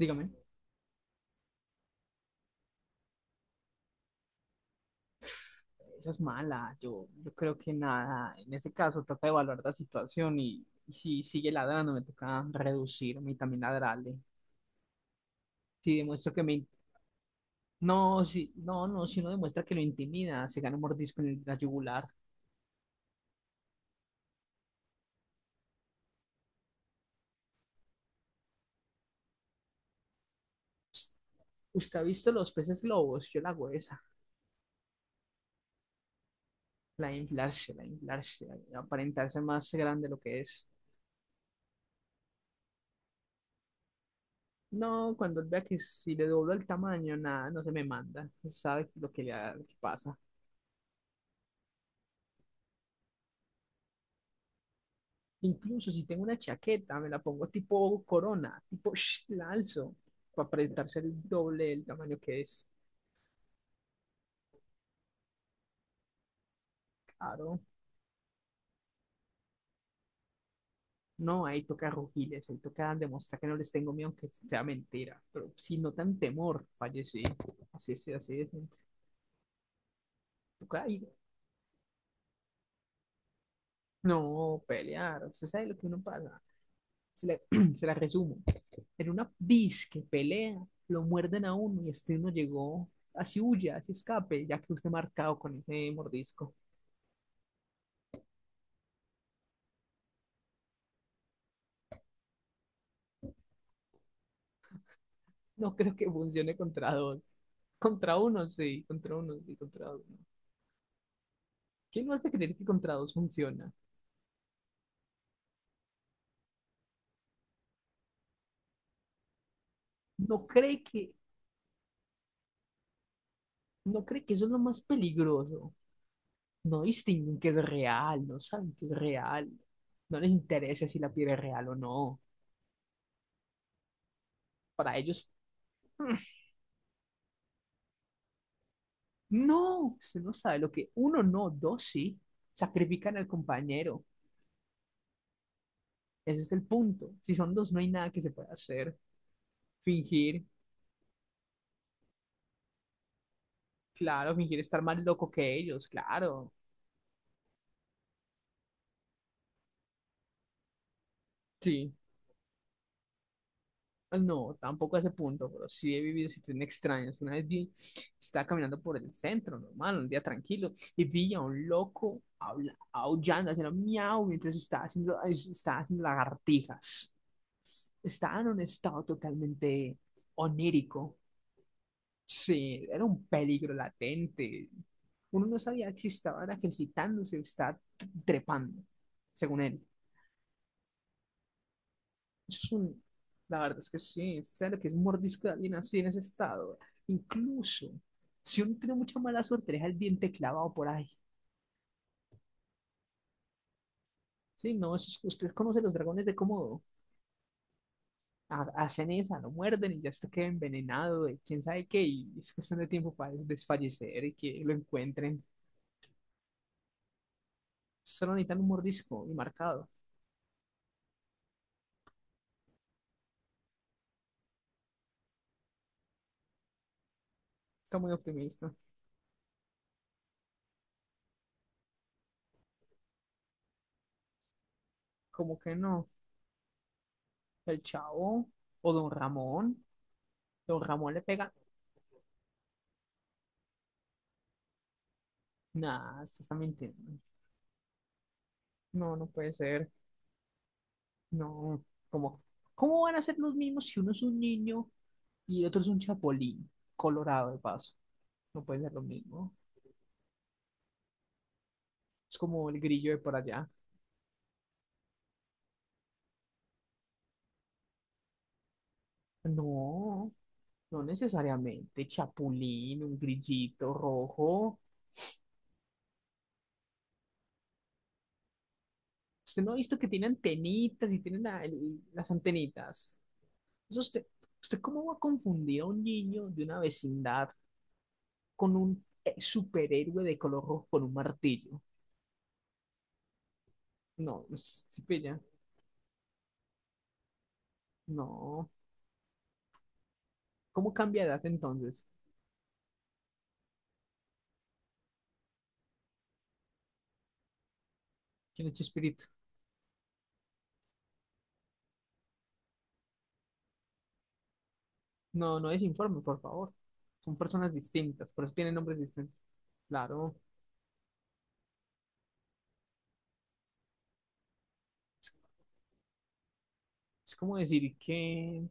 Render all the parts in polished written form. Dígame. Esa es mala. Yo creo que nada. En ese caso, trata de evaluar la situación y si sigue ladrando, me toca reducirme y también ladrarle. Si demuestro que me. No, si, no, si no demuestra que lo intimida, se gana un mordisco en la yugular. Ust- ¿Usted ha visto los peces globos? Yo la hago esa. La de inflarse, la de aparentarse más grande de lo que es. No, cuando él vea que si le doblo el tamaño, nada, no se me manda. Sabe lo que lo que pasa. Incluso si tengo una chaqueta, me la pongo tipo corona, tipo la alzo, para presentarse el doble del tamaño que es. Claro, no, ahí toca rugirles, ahí toca demostrar que no les tengo miedo, aunque sea mentira. Pero si notan temor, fallecí. Así es, así es. Toca ir. No, pelear. Usted sabe lo que uno pasa. Se la, se la resumo. En una disque pelea, lo muerden a uno y este uno llegó así huye, así escape, ya que usted marcado con ese mordisco. No creo que funcione contra dos. Contra uno sí, contra uno sí, contra uno. ¿Quién no hace creer que contra dos funciona? No cree que, no cree que eso es lo más peligroso. No distinguen que es real, no saben que es real. No les interesa si la piel es real o no. Para ellos, no, usted no sabe lo que uno no, dos sí. Sacrifican al compañero. Ese es el punto. Si son dos, no hay nada que se pueda hacer. Fingir, claro, fingir estar más loco que ellos, claro. Sí. No, tampoco a ese punto, pero sí he vivido situaciones extrañas. Una vez vi, estaba caminando por el centro, normal, un día tranquilo, y vi a un loco aullando, haciendo miau mientras estaba estaba haciendo lagartijas. Estaba en un estado totalmente onírico. Sí, era un peligro latente. Uno no sabía si estaba era ejercitándose, estaba trepando, según él. Eso es un, la verdad es que sí, ¿sabes lo que es un mordisco de alguien así en ese estado? Incluso, si uno tiene mucha mala suerte, deja el diente clavado por ahí. Sí, no, usted conoce los dragones de Komodo. Hacen esa, lo muerden y ya se queda envenenado de quién sabe qué, y es cuestión de tiempo para desfallecer y que lo encuentren. Solo necesitan un mordisco y marcado. Está muy optimista. ¿Como que no? El Chavo o Don Ramón. Don Ramón le pega. Nah, se está mintiendo. No, no puede ser. No, ¿cómo, ¿cómo van a ser los mismos si uno es un niño y el otro es un chapulín colorado de paso? No puede ser lo mismo. Es como el grillo de por allá. No, no necesariamente. Chapulín, un grillito rojo. Usted no ha visto que tiene antenitas y tiene las antenitas. Eso usted, ¿usted cómo va a confundir a un niño de una vecindad con un superhéroe de color rojo con un martillo? No, se pilla. No. ¿Cómo cambia de edad entonces? ¿Quién es Chespirito? No, no desinforme, por favor. Son personas distintas, por eso tienen nombres distintos. Claro, es como decir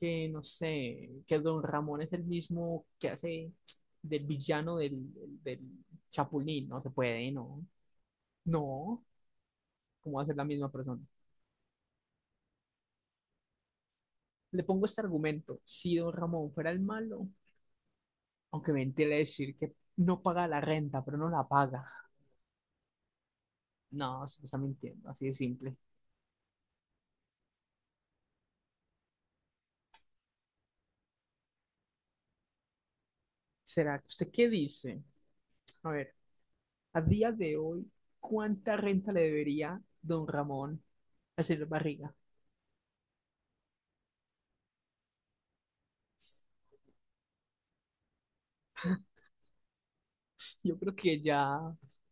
que no sé, que Don Ramón es el mismo que hace del villano del Chapulín. No se puede, no. No, ¿cómo va a ser la misma persona? Le pongo este argumento. Si Don Ramón fuera el malo, aunque me entiende decir que no paga la renta, pero no la paga. No, se me está mintiendo, así de simple. ¿Será que usted qué dice? A ver, a día de hoy, ¿cuánta renta le debería don Ramón al señor Barriga? Yo creo que ya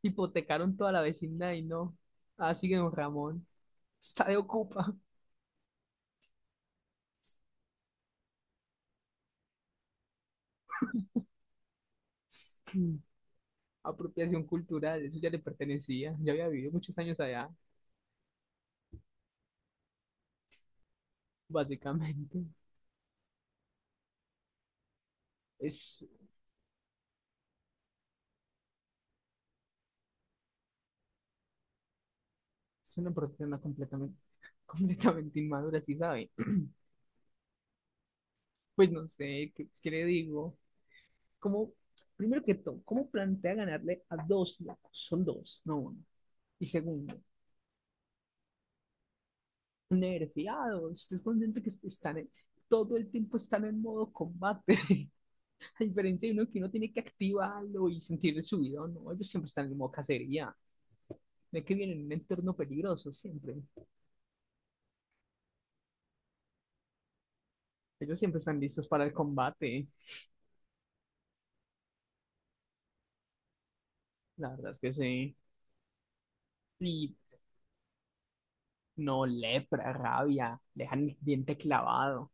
hipotecaron toda la vecindad y no. Así que don Ramón está de ocupa. Apropiación cultural, eso ya le pertenecía. Ya había vivido muchos años allá, básicamente. Es, es una persona completamente, completamente inmadura, ¿sí sabe? Pues no sé, ¿qué le digo? Como, primero que todo, ¿cómo plantea ganarle a dos locos? Son dos, no uno. Y segundo, nerviado, estés consciente que están en, todo el tiempo están en modo combate, a diferencia de uno que uno tiene que activarlo y sentirle su vida no, ellos siempre están en modo cacería, de que vienen en un entorno peligroso siempre, ellos siempre están listos para el combate, la verdad es que sí, y no lepra, rabia, dejan el diente clavado.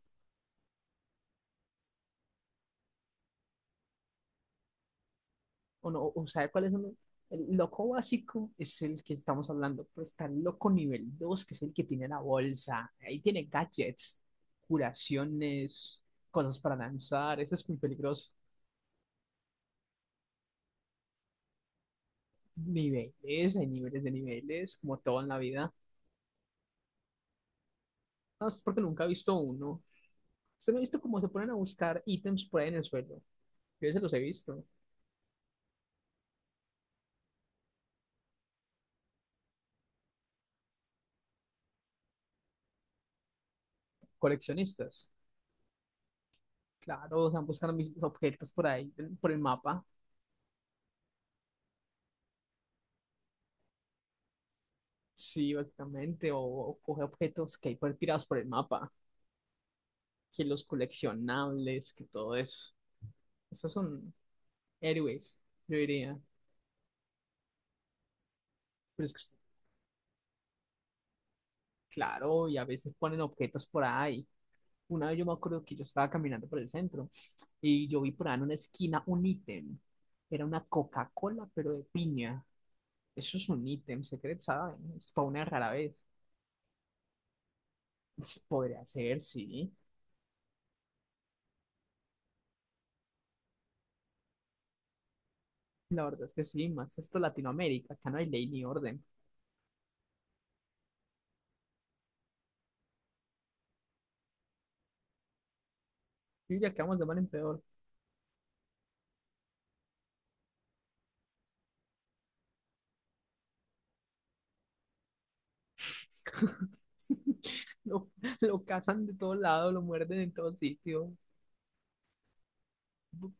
O no, o sabe cuál es uno. El loco básico es el que estamos hablando, pero está el loco nivel 2 que es el que tiene la bolsa. Ahí tiene gadgets, curaciones, cosas para lanzar. Eso es muy peligroso. Niveles, hay niveles de niveles, como todo en la vida. No, es porque nunca he visto uno. Usted no ha visto cómo se ponen a buscar ítems por ahí en el suelo. Yo se los he visto. Coleccionistas. Claro, están buscando mis objetos por ahí, por el mapa. Sí, básicamente, o coge objetos que hay por tirados por el mapa, que los coleccionables, que todo eso. Esos son héroes, yo diría. Pero es que, claro, y a veces ponen objetos por ahí. Una vez yo me acuerdo que yo estaba caminando por el centro y yo vi por ahí en una esquina un ítem. Era una Coca-Cola, pero de piña. Eso es un ítem secreto, ¿saben? Es para una rara vez. Se podría ser, sí. La verdad es que sí, más esto es Latinoamérica, acá no hay ley ni orden. Y ya quedamos de mal en peor. Lo, lo cazan de todos lados, lo muerden en todo sitio.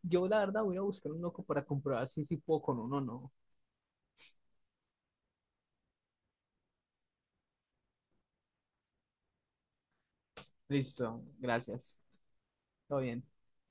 Yo, la verdad, voy a buscar un loco para comprobar si puedo con uno o no. Listo, gracias. Todo bien.